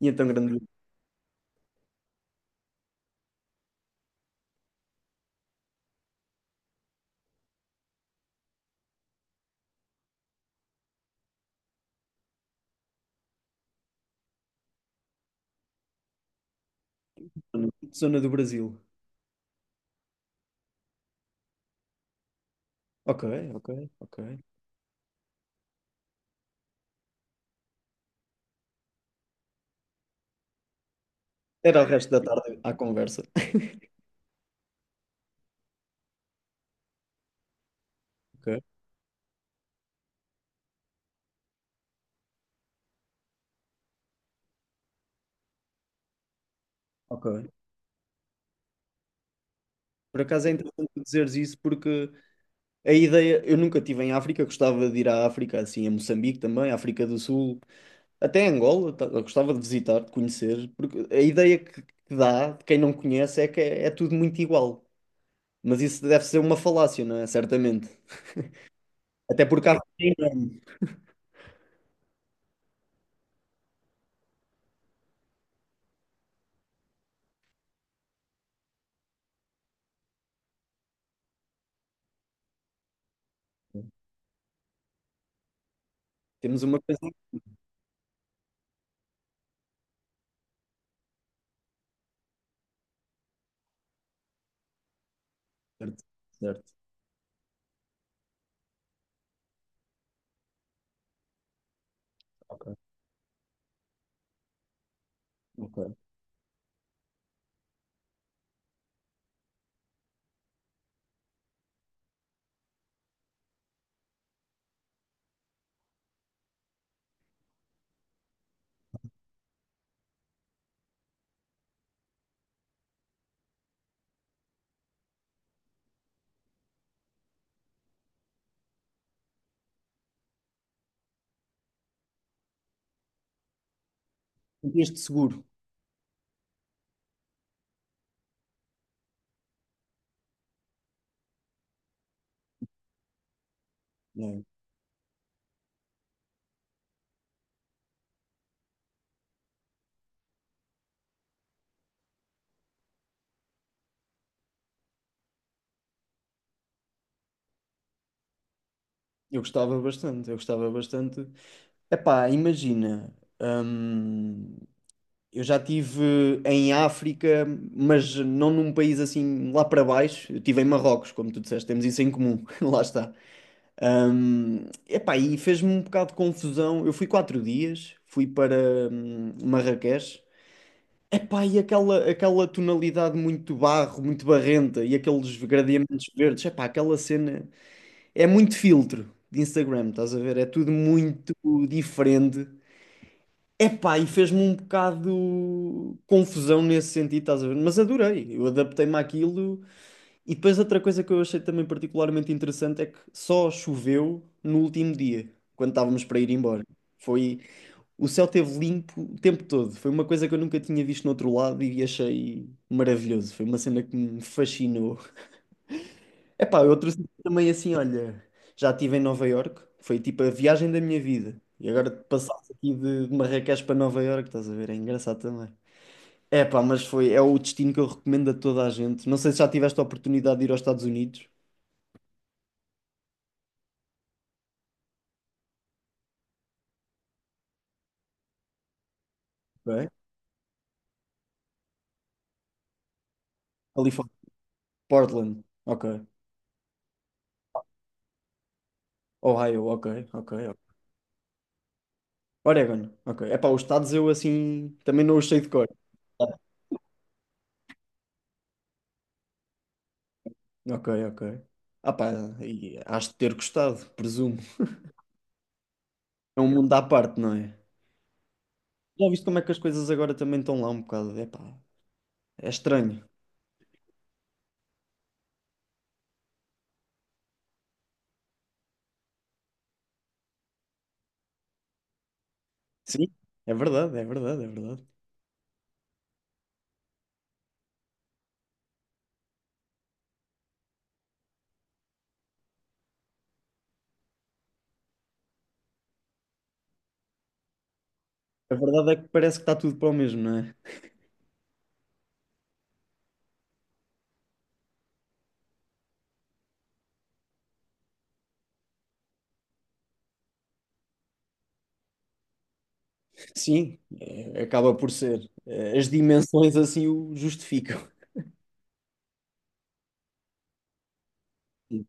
E então, grande zona do Brasil. Ok, ok, ok. Era o resto da tarde à conversa. Ok, ok. Por acaso é interessante tu dizeres isso porque a ideia, eu nunca estive em África, gostava de ir à África, assim, a Moçambique também, África do Sul, até Angola, eu gostava de visitar, de conhecer, porque a ideia que dá de quem não conhece é que é tudo muito igual. Mas isso deve ser uma falácia, não é? Certamente. Até porque a África é enorme. Temos uma coisa. Certo, certo. Ok, ok. Sentias-te seguro. Eu gostava bastante, eu gostava bastante. Epá, imagina, hum, eu já estive em África, mas não num país assim lá para baixo. Eu estive em Marrocos, como tu disseste, temos isso em comum, lá está. Epá, e fez-me um bocado de confusão. Eu fui 4 dias, fui para Marrakech. Epá, e aquela tonalidade muito barro, muito barrenta, e aqueles gradientes verdes, epá, aquela cena. É muito filtro de Instagram, estás a ver? É tudo muito diferente. Epá, e fez-me um bocado confusão nesse sentido, estás a ver? Mas adorei, eu adaptei-me àquilo. E depois outra coisa que eu achei também particularmente interessante é que só choveu no último dia, quando estávamos para ir embora. Foi, o céu esteve limpo o tempo todo. Foi uma coisa que eu nunca tinha visto no outro lado e achei maravilhoso. Foi uma cena que me fascinou. Epá, eu trouxe também assim, olha, já estive em Nova Iorque, foi tipo a viagem da minha vida. E agora passaste aqui de Marrakech para Nova Iorque, estás a ver? É engraçado também. É pá, mas foi, é o destino que eu recomendo a toda a gente. Não sei se já tiveste a oportunidade de ir aos Estados Unidos. Ok. Califórnia, Portland, ok. Ohio, ok, ok, ok. Oregon, ok. É pá, os estados eu assim também não os sei de cor. Ok, ok. Ah pá, e has de ter gostado, presumo. É um mundo à parte, não é? Já viste como é que as coisas agora também estão lá um bocado? Epá, é estranho. Sim, é verdade, é verdade, é verdade. A verdade é que parece que está tudo para o mesmo, não é? Sim, acaba por ser. É, as dimensões assim o justificam. Sim.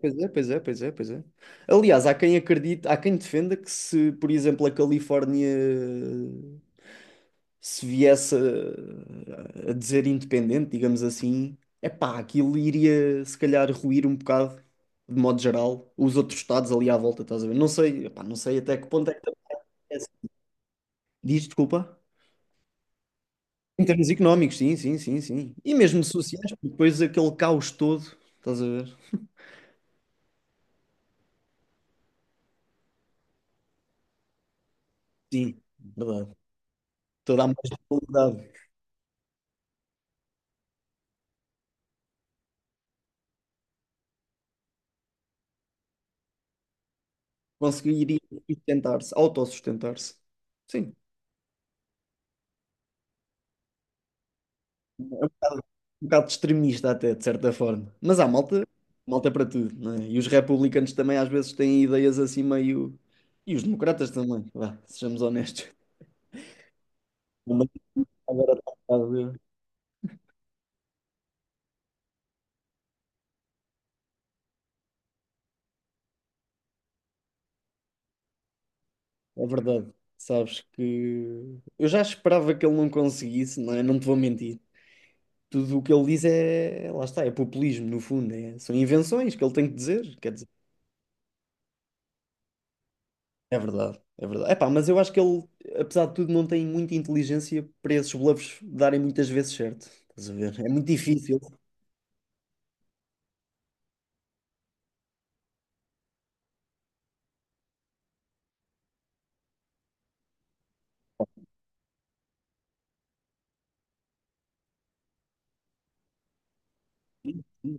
Pois é, pois é, pois é, pois é. Pois é. Aliás, há quem acredite, há quem defenda que se, por exemplo, a Califórnia se viesse a dizer independente, digamos assim, é pá, aquilo iria se calhar ruir um bocado, de modo geral, os outros estados ali à volta, estás a ver? Não sei, epá, não sei até que ponto é que também é assim. Diz, desculpa. Em termos económicos, sim, sim, sim, sim. E mesmo sociais, porque depois aquele caos todo, estás a ver? Sim, verdade. Toda a mais qualidade conseguiria sustentar-se, autossustentar-se. Sim. É um bocado extremista até, de certa forma. Mas há malta para tudo, não é? E os republicanos também às vezes têm ideias assim meio... E os democratas também, vá, sejamos honestos. Mas agora está um bocado. É verdade. Sabes que eu já esperava que ele não conseguisse, não é? Não te vou mentir. Tudo o que ele diz é, lá está, é populismo, no fundo. São invenções que ele tem que dizer. Quer É verdade, é verdade. Epá, mas eu acho que ele, apesar de tudo, não tem muita inteligência para esses bluffs darem muitas vezes certo. Estás a ver? É muito difícil.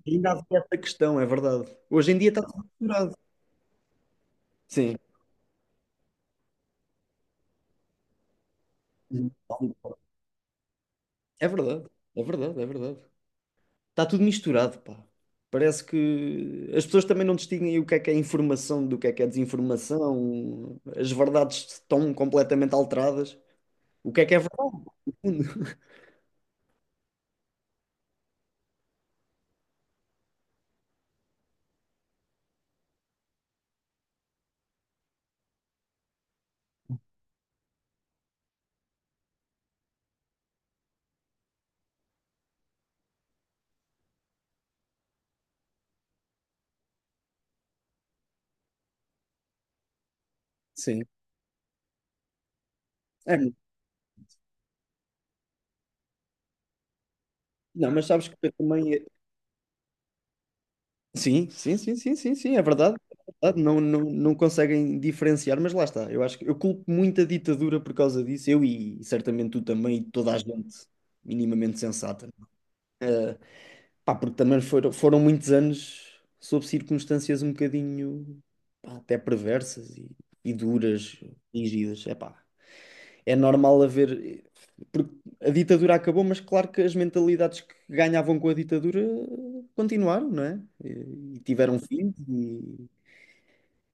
Ainda há essa questão, é verdade. Hoje em dia está tudo misturado. Sim. É verdade, é verdade, é verdade. Está tudo misturado, pá. Parece que as pessoas também não distinguem o que é informação do que é desinformação. As verdades estão completamente alteradas. O que é verdade? Sim. É, não, mas sabes que eu também. Sim, sim, sim, sim, sim, sim, é verdade. É verdade, não, não, não conseguem diferenciar, mas lá está. Eu acho que eu culpo muito a ditadura por causa disso, eu e certamente tu também, e toda a gente minimamente sensata. Pá, porque também foram muitos anos sob circunstâncias um bocadinho, pá, até perversas e duras, rígidas. É pá, é normal haver. Porque a ditadura acabou, mas claro que as mentalidades que ganhavam com a ditadura continuaram, não é? E tiveram fim.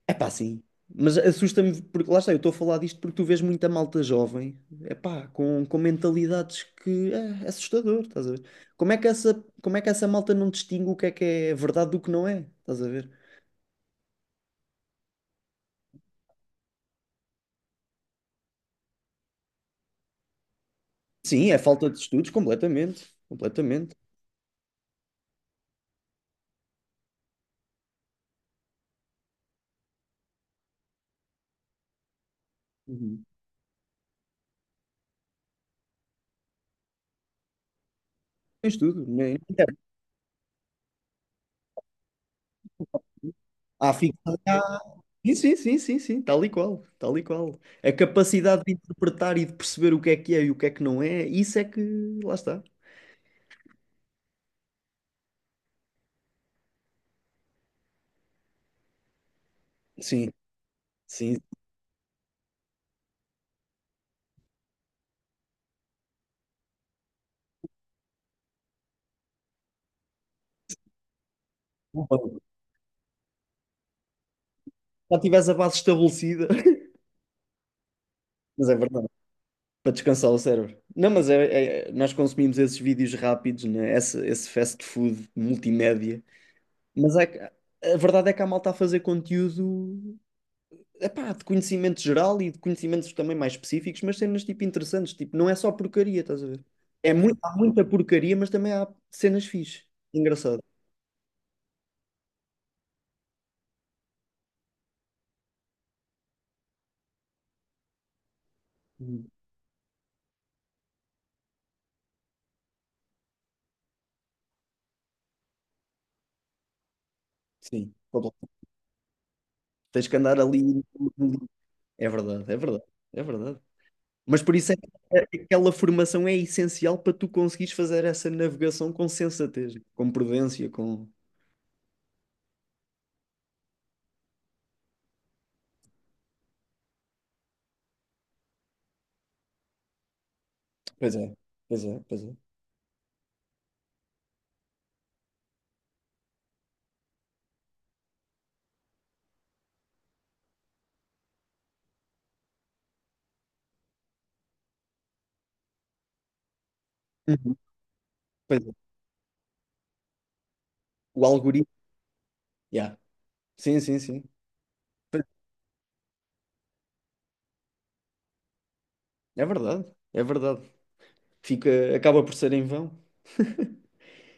É pá, sim. Mas assusta-me, porque lá está, eu estou a falar disto porque tu vês muita malta jovem, é pá, com mentalidades que é assustador, estás a ver? Como é que essa malta não distingue o que é verdade do que não é? Estás a ver? Sim, é falta de estudos, completamente. Completamente. Uhum. Tem estudo. Há ficção. Sim, sim, sim, sim, sim, tal e qual, tal e qual. A capacidade de interpretar e de perceber o que é e o que é que não é, isso é que lá está. Sim, sim. Já tivesse a base estabelecida. Mas é verdade, para descansar o cérebro. Não, mas nós consumimos esses vídeos rápidos, né? Esse fast food multimédia. Mas é que, a verdade é que há malta a fazer conteúdo, epá, de conhecimento geral e de conhecimentos também mais específicos, mas cenas tipo interessantes, tipo, não é só porcaria, estás a ver? Há muita porcaria, mas também há cenas fixe. Engraçado. Uhum. Sim, completamente. Tens que andar ali. no- no- É verdade, é verdade, é verdade. Mas por isso é que aquela formação é essencial para tu conseguires fazer essa navegação com sensatez, com prudência, com. Pois é, pois é, pois é. Uhum. Pois é. O algoritmo. Yeah. Sim, sim, sim. É verdade, é verdade. Acaba por ser em vão.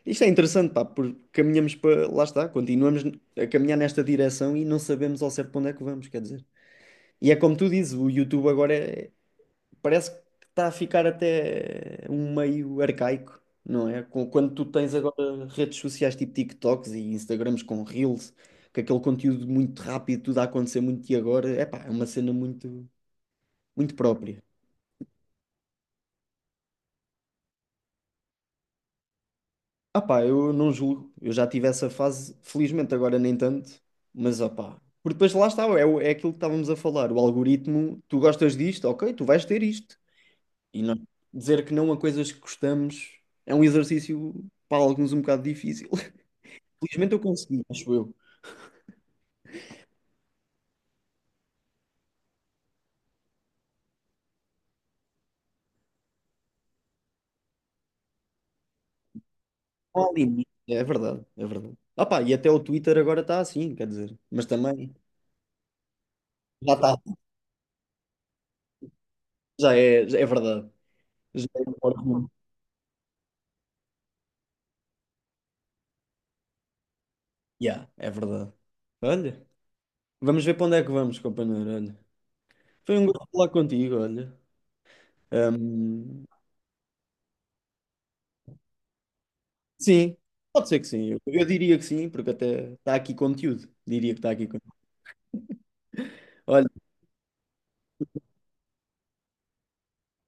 Isto é interessante, pá, porque caminhamos para. Lá está, continuamos a caminhar nesta direção e não sabemos ao certo para onde é que vamos, quer dizer. E é como tu dizes, o YouTube agora parece que está a ficar até um meio arcaico, não é? Quando tu tens agora redes sociais tipo TikToks e Instagrams com Reels, com aquele conteúdo muito rápido, tudo a acontecer muito e agora, é pá, é uma cena muito, muito própria. Ah pá, eu não julgo, eu já tive essa fase, felizmente agora nem tanto, mas ah pá. Porque depois lá está, é aquilo que estávamos a falar, o algoritmo, tu gostas disto, ok, tu vais ter isto. E não dizer que não a coisas que gostamos é um exercício para alguns um bocado difícil. Felizmente eu consegui, acho eu. Não há limite. É verdade, é verdade. Ah pá, e até o Twitter agora está assim, quer dizer. Mas também já está, já é verdade. Já é, um órgão. Yeah, é verdade. Olha, vamos ver para onde é que vamos, companheiro. Olha, foi um gosto falar contigo, olha. Ahm, sim, pode ser que sim. Eu diria que sim, porque até está aqui conteúdo. Diria que está aqui conteúdo. Olha,